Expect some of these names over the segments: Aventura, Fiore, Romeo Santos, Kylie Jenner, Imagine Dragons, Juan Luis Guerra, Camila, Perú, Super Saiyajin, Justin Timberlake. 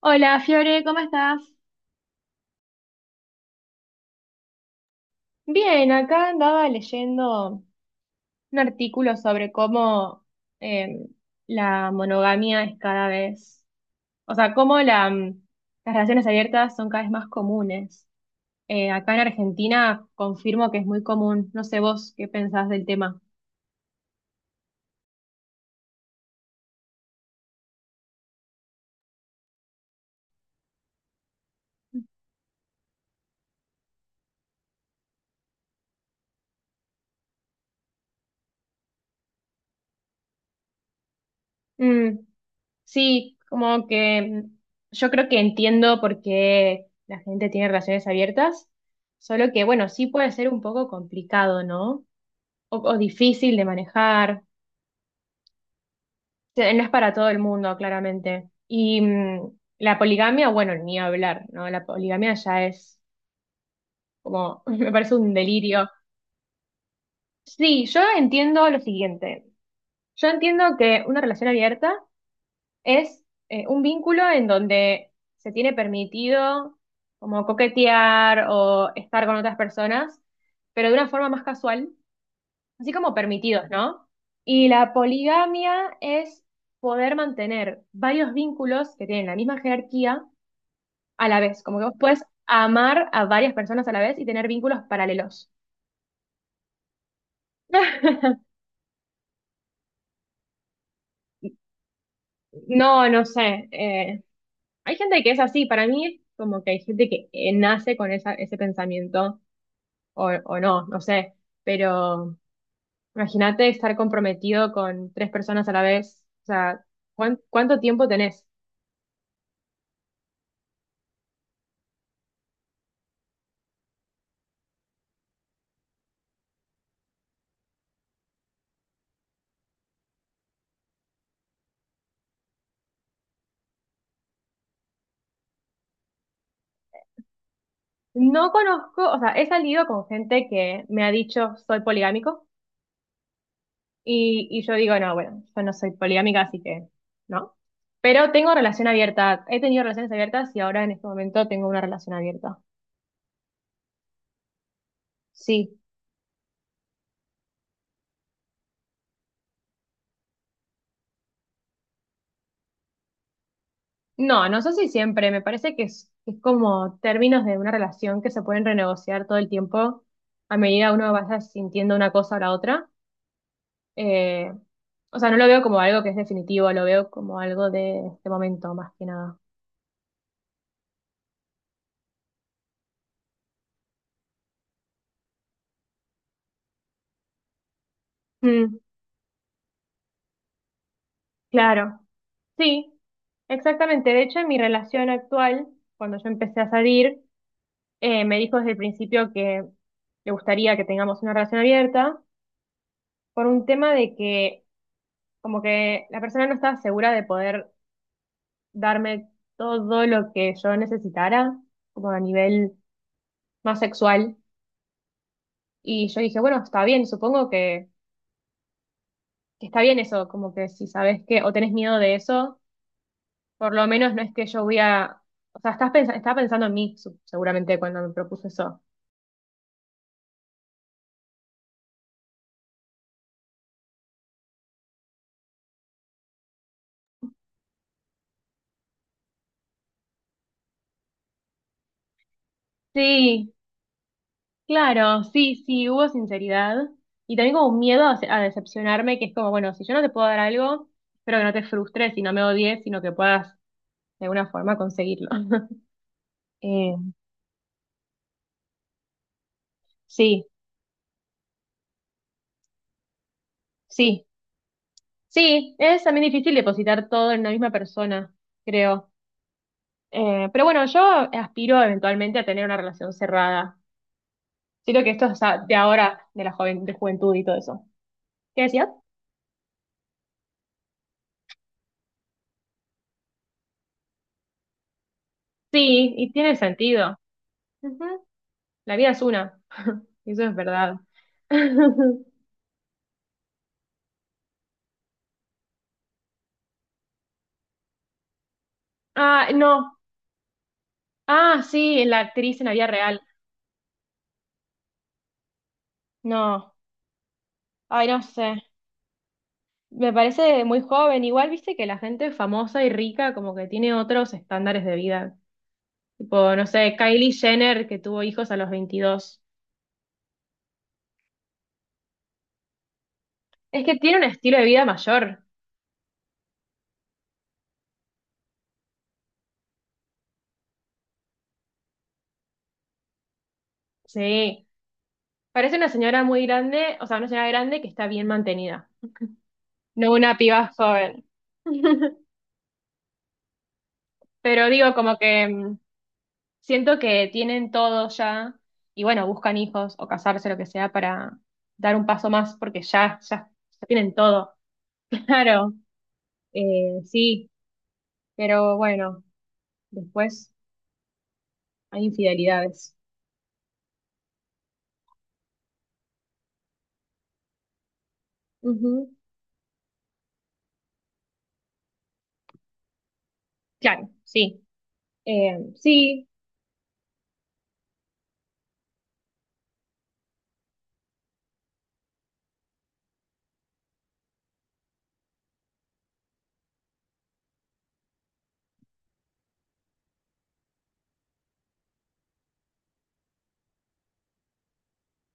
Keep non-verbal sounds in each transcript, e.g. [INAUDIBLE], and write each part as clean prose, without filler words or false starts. Hola, Fiore, ¿cómo estás? Bien, acá andaba leyendo un artículo sobre cómo eh, la monogamia es cada vez, o sea, cómo la, mm, las relaciones abiertas son cada vez más comunes. Acá en Argentina confirmo que es muy común. No sé vos qué pensás del tema. Mm, sí, como que mm, yo creo que entiendo por qué la gente tiene relaciones abiertas, solo que bueno, sí puede ser un poco complicado, ¿no? O difícil de manejar. O no es para todo el mundo, claramente. Y mm, la poligamia, bueno, ni hablar, ¿no? La poligamia ya es como, [LAUGHS] me parece un delirio. Sí, yo entiendo lo siguiente. Yo entiendo que una relación abierta es un vínculo en donde se tiene permitido como coquetear o estar con otras personas, pero de una forma más casual, así como permitidos, ¿no? Y la poligamia es poder mantener varios vínculos que tienen la misma jerarquía a la vez, como que vos puedes amar a varias personas a la vez y tener vínculos paralelos. [LAUGHS] No, no sé. Hay gente que es así, para mí es como que hay gente que nace con esa, ese pensamiento o no, no sé. Pero imagínate estar comprometido con tres personas a la vez. O sea, ¿cuánto tiempo tenés? No conozco, o sea, he salido con gente que me ha dicho soy poligámico y yo digo, no, bueno, yo no soy poligámica, así que no. Pero tengo relación abierta, he tenido relaciones abiertas y ahora en este momento tengo una relación abierta. Sí. No, no sé si siempre, me parece que es como términos de una relación que se pueden renegociar todo el tiempo a medida que uno vaya sintiendo una cosa o la otra. Eh, o sea, no lo veo como algo que es definitivo, lo veo como algo de este momento más que nada. Mm, claro. Sí, exactamente. De hecho, en mi relación actual, cuando yo empecé a salir, me dijo desde el principio que le gustaría que tengamos una relación abierta por un tema de que como que la persona no estaba segura de poder darme todo lo que yo necesitara, como a nivel más sexual. Y yo dije, bueno, está bien, supongo que está bien eso, como que si sabes que o tenés miedo de eso, por lo menos no es que yo voy a... O sea, estaba pensando en mí, seguramente, cuando me propuso eso. Sí, claro, sí, sí, hubo sinceridad y también como un miedo a decepcionarme, que es como, bueno, si yo no te puedo dar algo, espero que no te frustres y no me odies, sino que puedas de alguna forma conseguirlo. [LAUGHS] Eh, sí, sí, sí, es también difícil depositar todo en una misma persona, creo. Pero bueno, yo aspiro eventualmente a tener una relación cerrada. Siento que esto es de ahora, de la joven, de juventud y todo eso. ¿Qué decías? Sí, y tiene sentido. Ujú, la vida es una. Eso es verdad. [LAUGHS] Ah, no. Ah, sí, la actriz en la vida real. No. Ay, no sé. Me parece muy joven. Igual, viste que la gente famosa y rica como que tiene otros estándares de vida. Tipo, no sé, Kylie Jenner que tuvo hijos a los 22. Es que tiene un estilo de vida mayor. Sí. Parece una señora muy grande, o sea, una señora grande que está bien mantenida. [LAUGHS] No una piba joven. [LAUGHS] Pero digo, como que mm, siento que tienen todo ya y bueno, buscan hijos o casarse, lo que sea, para dar un paso más porque ya, ya, ya tienen todo. [LAUGHS] Claro, sí, pero bueno, después hay infidelidades. Ujú, claro, sí. Sí,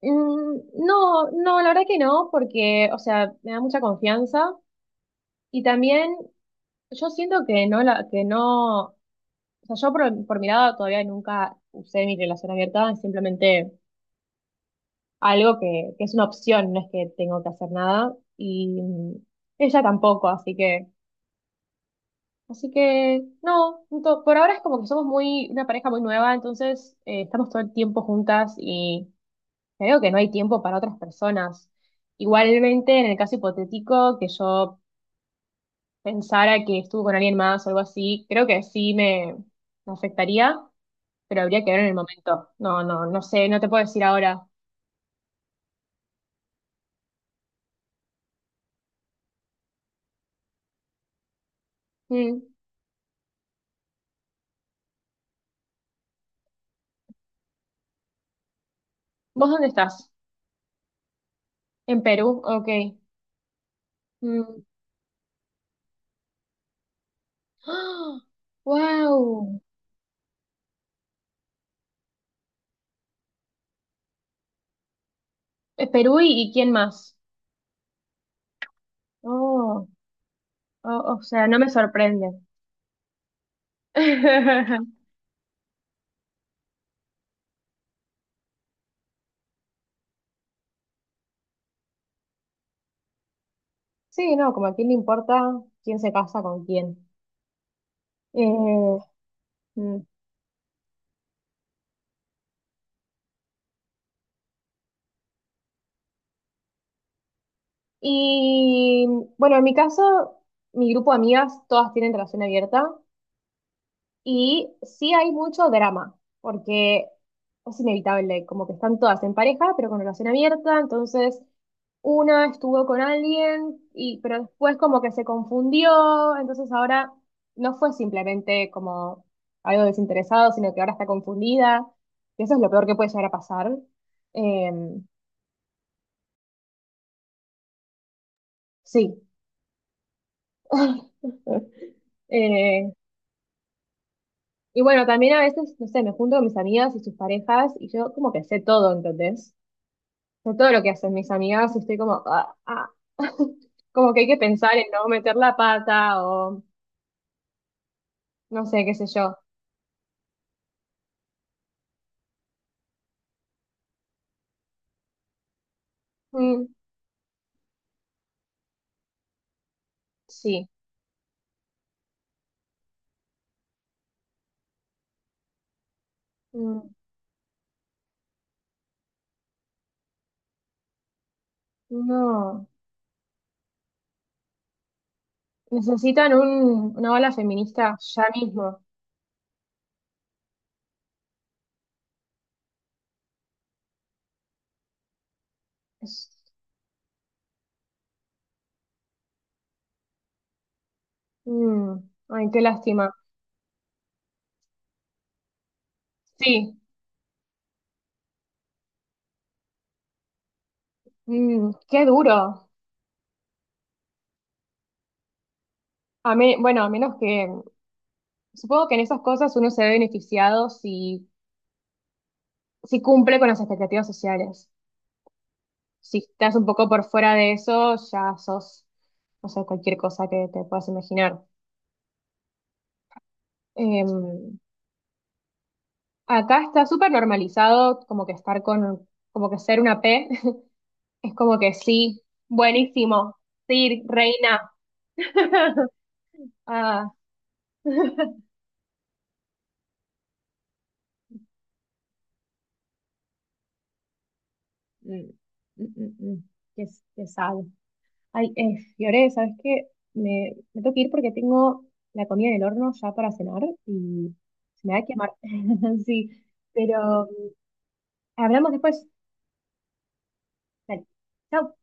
mm, no, no, la verdad que no, porque, o sea, me da mucha confianza y también yo siento que no, o sea, yo por mi lado todavía nunca usé mi relación abierta, simplemente algo que es una opción, no es que tengo que hacer nada. Y mm, ella tampoco, así que no, por ahora es como que somos muy, una pareja muy nueva, entonces estamos todo el tiempo juntas y creo que no hay tiempo para otras personas. Igualmente, en el caso hipotético, que yo pensara que estuve con alguien más o algo así, creo que sí me afectaría, pero habría que ver en el momento. No, no, no sé, no te puedo decir ahora. Mm, ¿vos dónde estás? En Perú, ok. ¡Wow! Perú y quién más. Oh, o sea, no me sorprende. [LAUGHS] Sí, no, como a quién le importa quién se casa con quién. Eh, mm. Y bueno, en mi caso, mi grupo de amigas todas tienen relación abierta. Y sí hay mucho drama, porque es inevitable, como que están todas en pareja, pero con relación abierta, entonces una estuvo con alguien, y, pero después como que se confundió, entonces ahora no fue simplemente como algo desinteresado, sino que ahora está confundida, y eso es lo peor que puede llegar a pasar. Em, sí. [LAUGHS] Eh, y bueno, también a veces, no sé, me junto con mis amigas y sus parejas y yo como que sé todo, ¿entendés? De todo lo que hacen mis amigas, y estoy como, ah, ah. [LAUGHS] Como que hay que pensar en no meter la pata o no sé, qué sé yo. Mm, sí, mm, no. Necesitan un, una ola feminista ya mismo. Es- mm, ay, qué lástima. Sí, mm, qué duro. Bueno, a menos que, supongo que en esas cosas uno se ve beneficiado si, si cumple con las expectativas sociales. Si estás un poco por fuera de eso, ya sos, no sé, cualquier cosa que te puedas imaginar. Eh, Acá está súper normalizado como que estar con, como que ser una P, [LAUGHS] es como que sí, buenísimo, sí, reina. [LAUGHS] Ah, mm, mm, mm, mm. Qué, qué sad. Ay, Fiore, ¿sabes qué? Me tengo que ir porque tengo la comida en el horno ya para cenar y se me va a quemar. [LAUGHS] Sí, pero hablamos después. Dale. Chau.